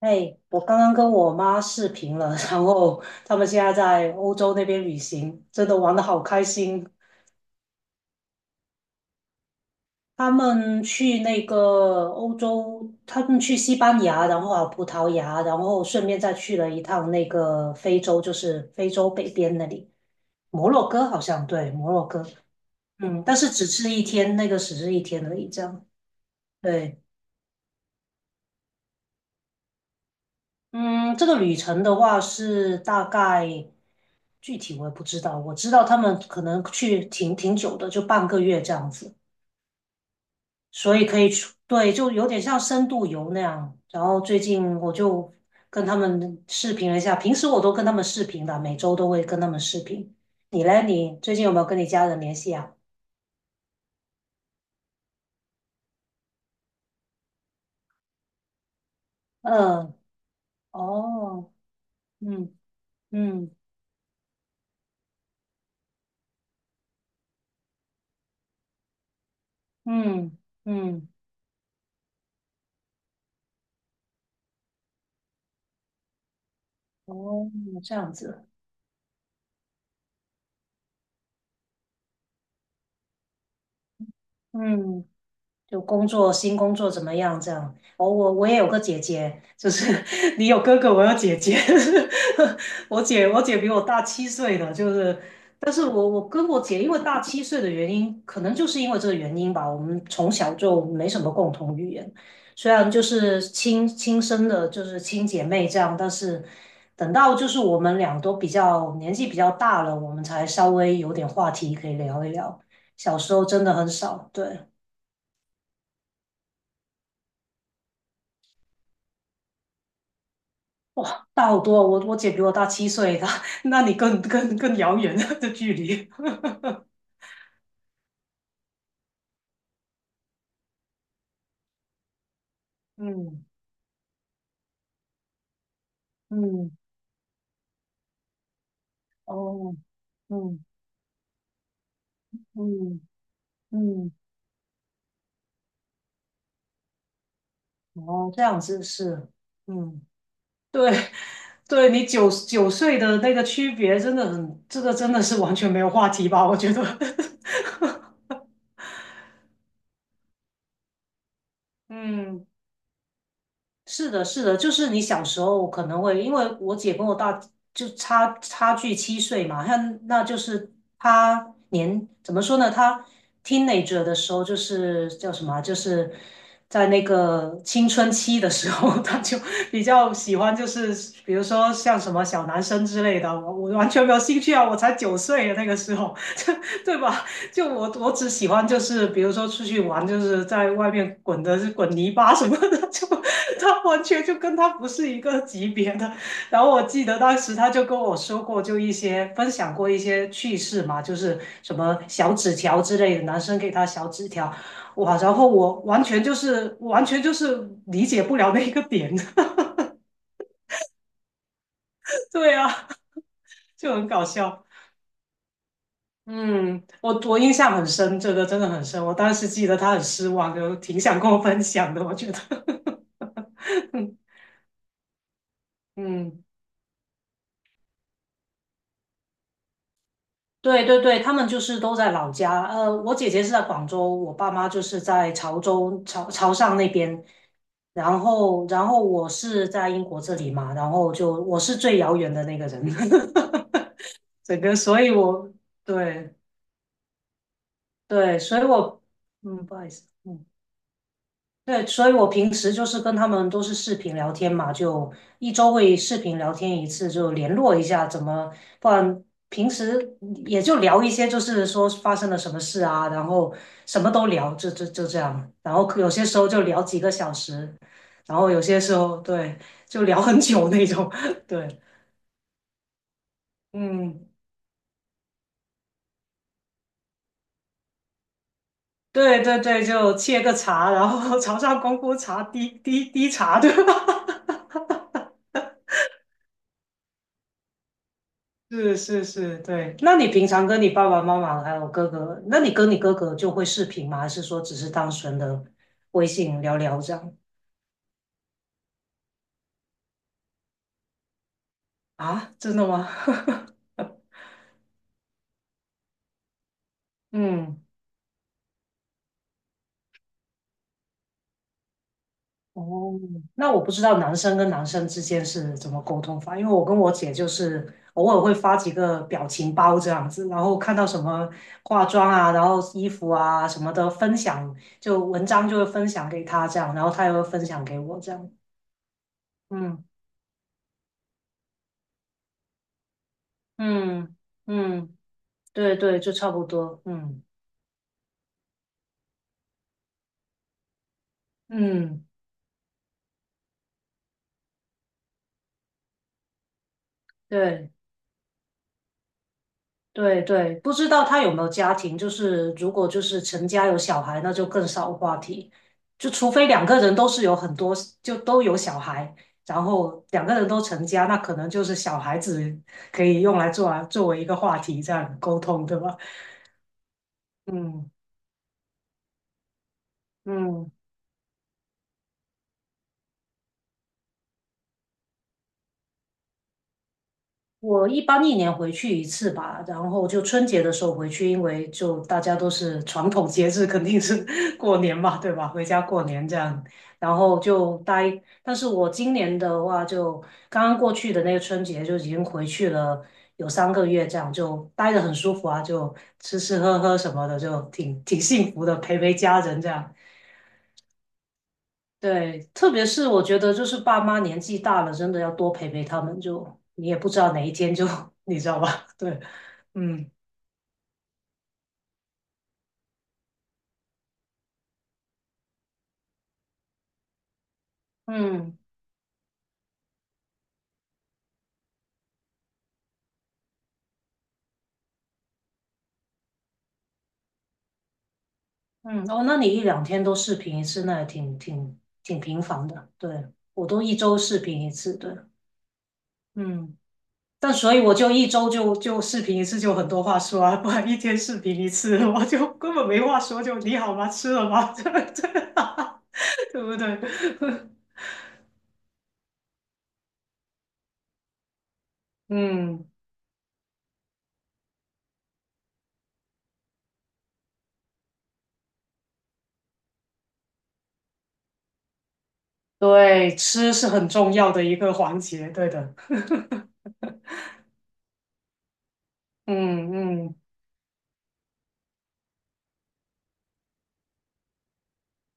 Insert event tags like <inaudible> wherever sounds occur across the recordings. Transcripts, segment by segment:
哎，我刚刚跟我妈视频了，<laughs> 然后他们现在在欧洲那边旅行，真的玩的好开心。他们去那个欧洲，他们去西班牙，然后啊葡萄牙，然后顺便再去了一趟那个非洲，就是非洲北边那里，摩洛哥好像，对，摩洛哥。嗯，但是只是一天，那个只是一天而已，这样，对。嗯，这个旅程的话是大概具体我也不知道，我知道他们可能去挺挺久的，就半个月这样子，所以可以出，对，就有点像深度游那样。然后最近我就跟他们视频了一下，平时我都跟他们视频的，每周都会跟他们视频。你嘞，你最近有没有跟你家人联系啊？嗯。哦。嗯嗯嗯嗯。哦，这样子。嗯。就工作，新工作怎么样？这样。我也有个姐姐，就是 <laughs> 你有哥哥，我有姐姐。<laughs> 我姐比我大七岁的，就是，但是我跟我姐因为大七岁的原因，可能就是因为这个原因吧，我们从小就没什么共同语言，虽然就是亲生的，就是亲姐妹这样，但是等到就是我们俩都比较年纪比较大了，我们才稍微有点话题可以聊一聊，小时候真的很少，对。哇，大好多哦我姐比我大七岁的，<laughs> 那你更遥远了的距离。<laughs> 嗯嗯。哦。嗯嗯嗯。哦，这样子是。嗯。对对，你九岁的那个区别真的很，这个真的是完全没有话题吧？我觉得，<laughs> 嗯。是的，是的，就是你小时候可能会，因为我姐跟我大就差距七岁嘛，那那就是她年怎么说呢？她 teenager 的时候就是叫什么啊就是在那个青春期的时候，<laughs> 她就比较喜欢，就是比如说像什么小男生之类的，我完全没有兴趣啊，我才九岁啊那个时候，<laughs> 对吧？就我只喜欢就是比如说出去玩，就是在外面滚的是滚泥巴什么的，就他完全就跟他不是一个级别的。然后我记得当时他就跟我说过，就一些分享过一些趣事嘛，就是什么小纸条之类的，男生给他小纸条。哇，然后我完全就是完全就是理解不了那个点，<laughs> 对啊，就很搞笑。嗯，我印象很深，这个真的很深。我当时记得他很失望，就挺想跟我分享的。我觉得，<laughs> 嗯，对对对，他们就是都在老家。我姐姐是在广州，我爸妈就是在潮州、潮汕那边。然后，然后我是在英国这里嘛，然后就我是最遥远的那个人。<laughs> 整个，所以我对对，所以我嗯，不好意思，嗯。对，所以我平时就是跟他们都是视频聊天嘛，就一周会视频聊天一次，就联络一下怎么，不然平时也就聊一些，就是说发生了什么事啊，然后什么都聊，就这样，然后有些时候就聊几个小时，然后有些时候对，就聊很久那种，<laughs> 对。嗯，对对对，就切个茶，然后 <laughs> 早上功夫茶，滴滴滴茶，对吧？是是是，对。那你平常跟你爸爸妈妈还有哥哥，那你跟你哥哥就会视频吗？还是说只是单纯的微信聊聊这样？啊，真的吗？<laughs> 嗯。哦，那我不知道男生跟男生之间是怎么沟通法，因为我跟我姐就是偶尔会发几个表情包这样子，然后看到什么化妆啊，然后衣服啊什么的分享，就文章就会分享给她这样，然后她也会分享给我这样。嗯嗯嗯。对对，就差不多。嗯嗯，对对对，不知道他有没有家庭，就是如果就是成家有小孩，那就更少话题，就除非两个人都是有很多，就都有小孩，然后两个人都成家，那可能就是小孩子可以用来做啊，作为一个话题这样沟通，对吧？嗯嗯。我一般一年回去一次吧，然后就春节的时候回去，因为就大家都是传统节日，肯定是 <laughs> 过年嘛，对吧？回家过年这样，然后就待。但是我今年的话就，刚刚过去的那个春节就已经回去了有3个月，这样就待得很舒服啊，就吃吃喝喝什么的，就挺幸福的，陪陪家人这样。对，特别是我觉得就是爸妈年纪大了，真的要多陪陪他们就，你也不知道哪一天就，<laughs> 你知道吧？<laughs> 对。嗯嗯嗯。哦，那你一两天都视频一次，那也挺频繁的。对，我都一周视频一次。对。嗯，但所以我就一周就视频一次，就很多话说啊，不然一天视频一次，<laughs> 我就根本没话说，就你好吗？吃了吗？<laughs> 这这，<laughs> 对不对？<laughs> 嗯，对，吃是很重要的一个环节。对的。<laughs> 嗯嗯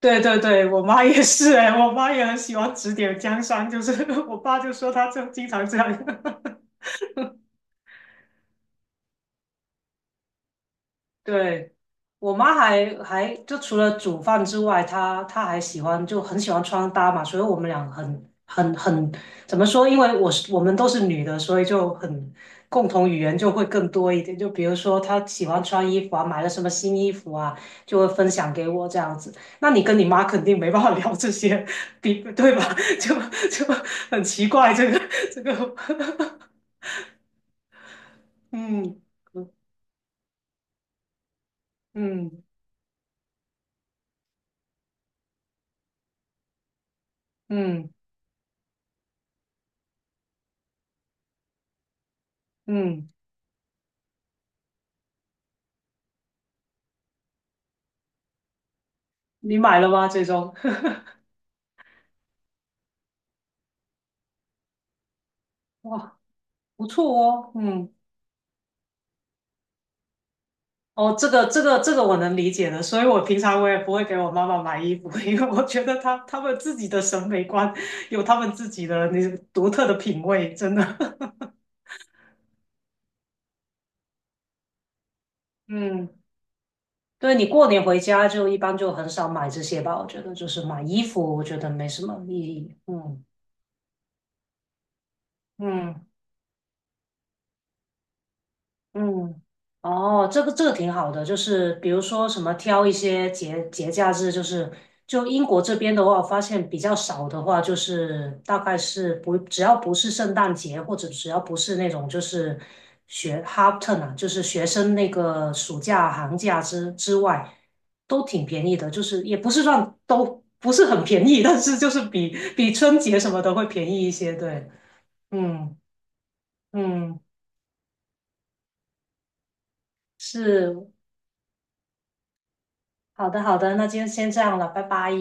对对对，我妈也是哎、我妈也很喜欢指点江山，就是 <laughs> 我爸就说他就经常这样。<laughs> 对，我妈还就除了煮饭之外，她还喜欢就很喜欢穿搭嘛，所以我们俩很怎么说？因为我是我们都是女的，所以就很共同语言就会更多一点。就比如说她喜欢穿衣服啊，买了什么新衣服啊，就会分享给我这样子。那你跟你妈肯定没办法聊这些，比对吧？<laughs> 就就很奇怪，这个这个，<laughs> 嗯嗯嗯嗯。嗯你买了吗？最终，<laughs> 哇，不错哦。嗯。哦，这个我能理解的，所以我平常我也不会给我妈妈买衣服，<laughs> 因为我觉得她们自己的审美观有她们自己的那独特的品味，真的，<laughs> 嗯。对你过年回家就一般就很少买这些吧，我觉得就是买衣服，我觉得没什么意义，嗯嗯。嗯。哦，这个这个挺好的，就是比如说什么挑一些节假日，就是就英国这边的话，我发现比较少的话，就是大概是不只要不是圣诞节，或者只要不是那种就是学 HALTER 啊，就是学生那个暑假寒假之外，都挺便宜的，就是也不是算都不是很便宜，但是就是比比春节什么的会便宜一些，对。嗯嗯。是好的，好的，那就先这样了，拜拜。